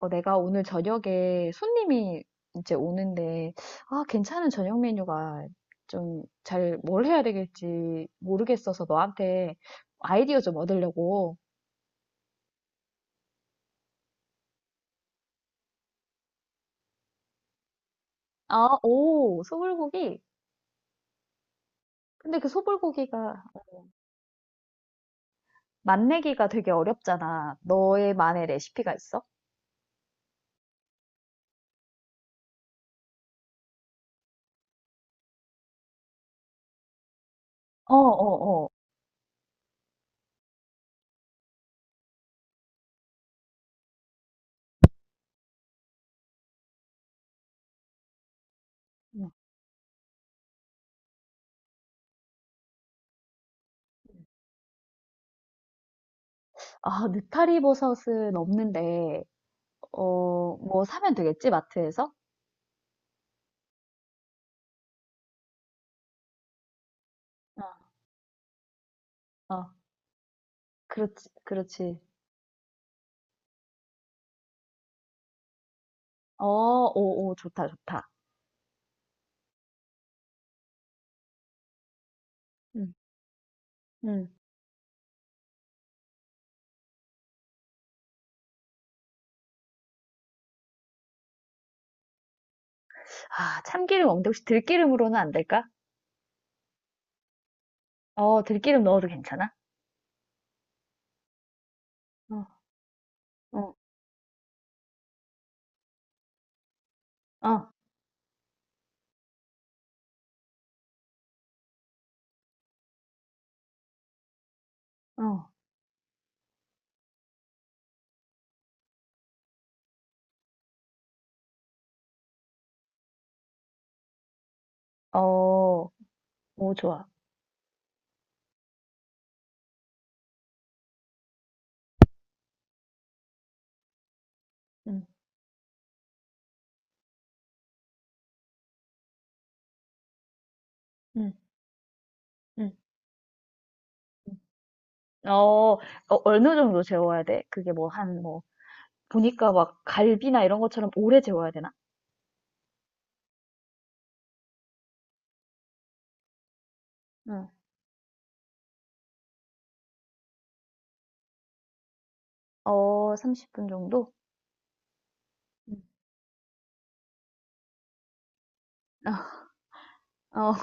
어, 내가 오늘 저녁에 손님이 이제 오는데, 아, 괜찮은 저녁 메뉴가 좀 잘 뭘 해야 되겠지 모르겠어서 너한테 아이디어 좀 얻으려고. 아, 오, 소불고기? 근데 그 소불고기가 맛내기가 되게 어렵잖아. 너의만의 레시피가 있어? 어, 어, 어. 음. 아, 느타리 버섯은 없는데, 어, 뭐 사면 되겠지, 마트에서? 어, 어, 그렇지, 그렇지. 어, 오, 오, 좋다, 좋다. 음. 아, 참기름 없는데 혹시 들기름으로는 안 될까? 어, 들기름 넣어도 괜찮아? 어, 어, 어, 어, 어, 오, 좋아. 음, 음, 음, 음. 어, 어, 어느 정도 재워야 돼? 그게 뭐 한, 뭐, 보니까 막 갈비나 이런 것처럼 오래 재워야 되나? 응. 어, 30분 정도? 음. 어,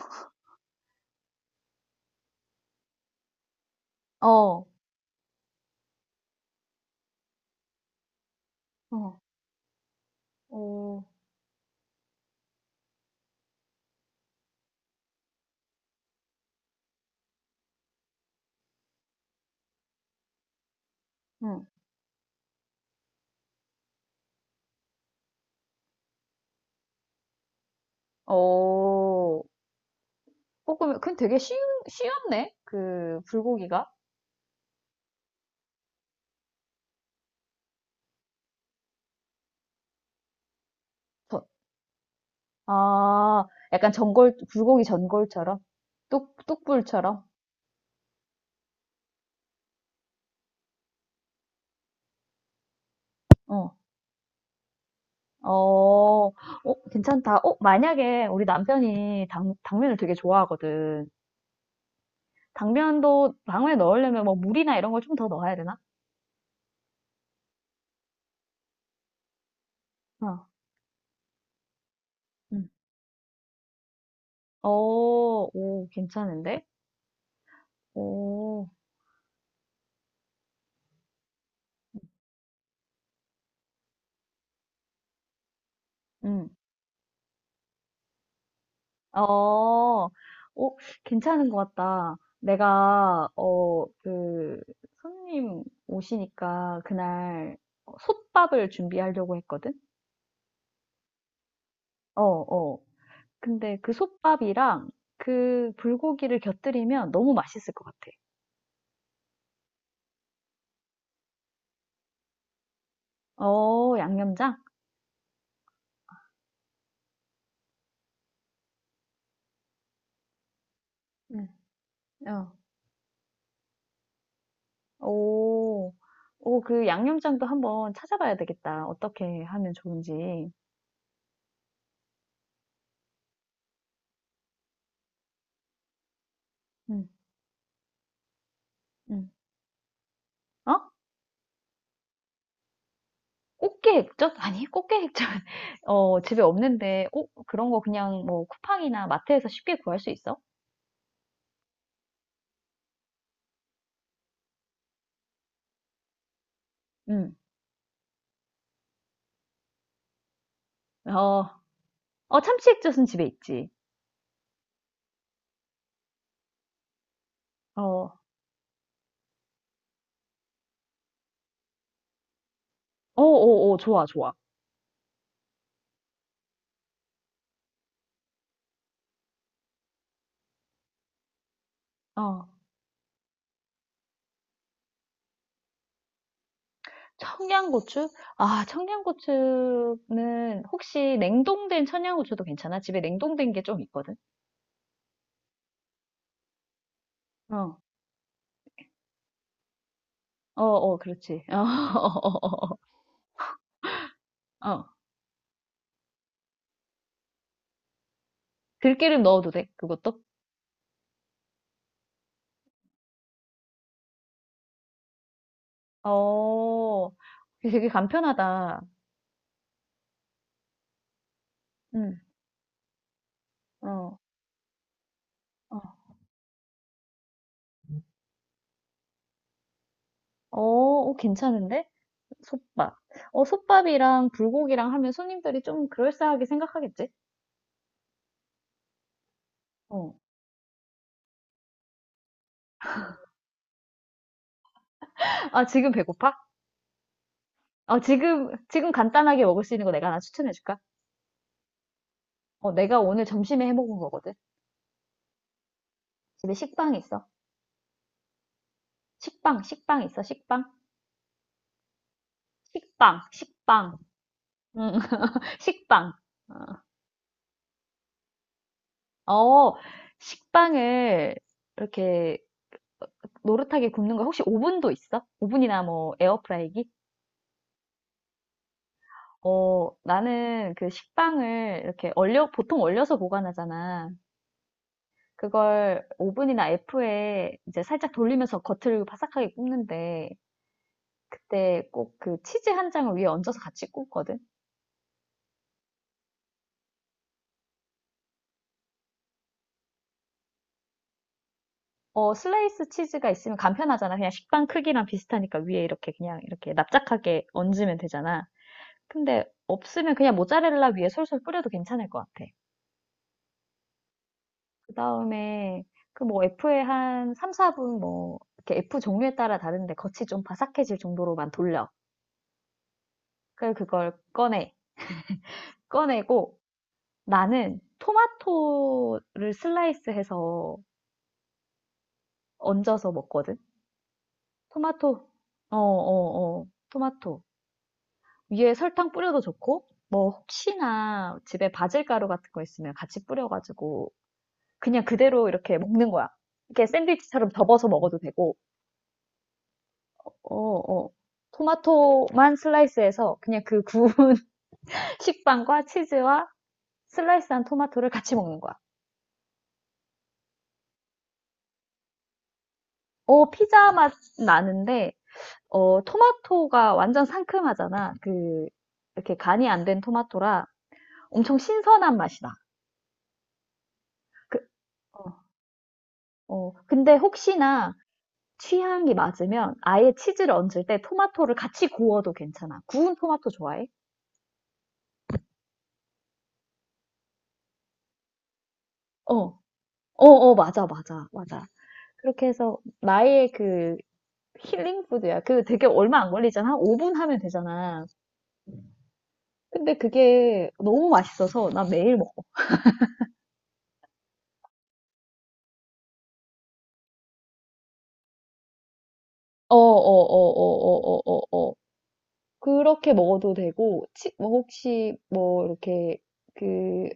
어, 어, 어, 어, 응. 어, 볶으면, 그건 되게 쉬운, 쉬웠네? 그, 불고기가. 아, 약간 전골, 불고기 전골처럼? 뚝불처럼? 어, 어, 어, 괜찮다. 어, 만약에 우리 남편이 당면을 되게 좋아하거든. 당면도 당면에 넣으려면 뭐 물이나 이런 걸 좀 더 넣어야 되나? 어, 응, 어, 오, 괜찮은데? 오, 응. 어, 어, 괜찮은 것 같다. 내가, 어, 그, 손님 오시니까 그날 솥밥을 준비하려고 했거든? 어, 어. 근데 그 솥밥이랑 그 불고기를 곁들이면 너무 맛있을 것 같아. 어, 양념장? 응. 어. 오, 오, 그 양념장도 한번 찾아봐야 되겠다. 어떻게 하면 좋은지. 응. 응. 어? 꽃게 액젓? 아니, 꽃게 액젓. 어, 집에 없는데, 어, 그런 거 그냥 뭐 쿠팡이나 마트에서 쉽게 구할 수 있어? 응. 어, 어, 참치 액젓은 집에 있지. 어, 어 어 어, 좋아, 좋아. 어, 청양고추? 아, 청양고추는 혹시 냉동된 청양고추도 괜찮아? 집에 냉동된 게 좀 있거든? 어, 어, 어, 그렇지. 어, 어, 어, 어. 어. 들기름 넣어도 돼, 그것도? 어, 되게 간편하다. 응. 어, 어. 어, 어, 괜찮은데? 솥밥. 어, 솥밥이랑 불고기랑 하면 손님들이 좀 그럴싸하게 생각하겠지? 어. 아, 지금 배고파? 어, 지금 간단하게 먹을 수 있는 거 내가 하나 추천해줄까? 어, 내가 오늘 점심에 해 먹은 거거든. 집에 식빵 있어. 식빵, 식빵 있어, 식빵. 식빵, 식빵. 응, 식빵. 어, 어, 식빵을 이렇게 노릇하게 굽는 거 혹시 오븐도 있어? 오븐이나 뭐 에어프라이기? 어, 나는 그 식빵을 이렇게 얼려, 보통 얼려서 보관하잖아. 그걸 오븐이나 F에 이제 살짝 돌리면서 겉을 바삭하게 굽는데, 그때 꼭 그 치즈 한 장을 위에 얹어서 같이 굽거든? 어, 슬라이스 치즈가 있으면 간편하잖아. 그냥 식빵 크기랑 비슷하니까 위에 이렇게 그냥 이렇게 납작하게 얹으면 되잖아. 근데 없으면 그냥 모짜렐라 위에 솔솔 뿌려도 괜찮을 것 같아. 그다음에 그 뭐 F에 한 3~4분 뭐 이렇게 F 종류에 따라 다른데 겉이 좀 바삭해질 정도로만 돌려. 그래서 그걸 꺼내. 꺼내고 나는 토마토를 슬라이스해서 얹어서 먹거든. 토마토. 어, 어, 어. 토마토. 위에 설탕 뿌려도 좋고 뭐 혹시나 집에 바질가루 같은 거 있으면 같이 뿌려가지고 그냥 그대로 이렇게 먹는 거야. 이렇게 샌드위치처럼 접어서 먹어도 되고 어, 어. 토마토만 슬라이스해서 그냥 그 구운 식빵과 치즈와 슬라이스한 토마토를 같이 먹는 거야. 어, 피자 맛 나는데, 어, 토마토가 완전 상큼하잖아. 그, 이렇게 간이 안 된 토마토라 엄청 신선한 맛이다. 그, 어, 어. 근데 혹시나 취향이 맞으면 아예 치즈를 얹을 때 토마토를 같이 구워도 괜찮아. 구운 토마토 좋아해? 어, 어, 어, 맞아, 맞아, 맞아. 그렇게 해서 나의 그 힐링 푸드야. 그 되게 얼마 안 걸리잖아. 한 5분 하면 되잖아. 근데 그게 너무 맛있어서 나 매일 먹어. 어, 어, 어, 어, 어, 어, 어, 어. 그렇게 먹어도 되고, 치, 뭐 혹시 뭐 이렇게 그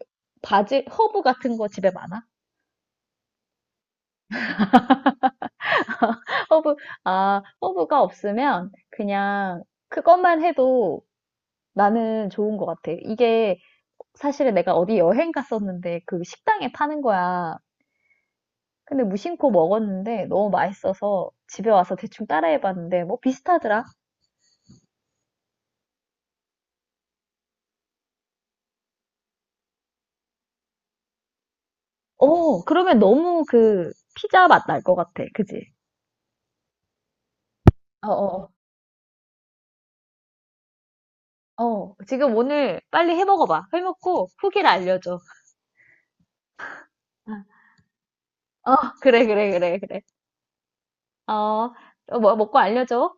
바질, 허브 같은 거 집에 많아? 허브, 아, 허브가 없으면 그냥 그것만 해도 나는 좋은 것 같아. 이게 사실은 내가 어디 여행 갔었는데 그 식당에 파는 거야. 근데 무심코 먹었는데 너무 맛있어서 집에 와서 대충 따라해봤는데 뭐 비슷하더라. 어, 그러면 너무 그 피자 맛날 것 같아. 그지? 어, 어, 어. 어, 지금 오늘 빨리 해 먹어봐. 해 먹고 후기를 알려줘. 어, 그래, 그래, 그래, 그래. 어, 어, 뭐, 먹고 알려줘.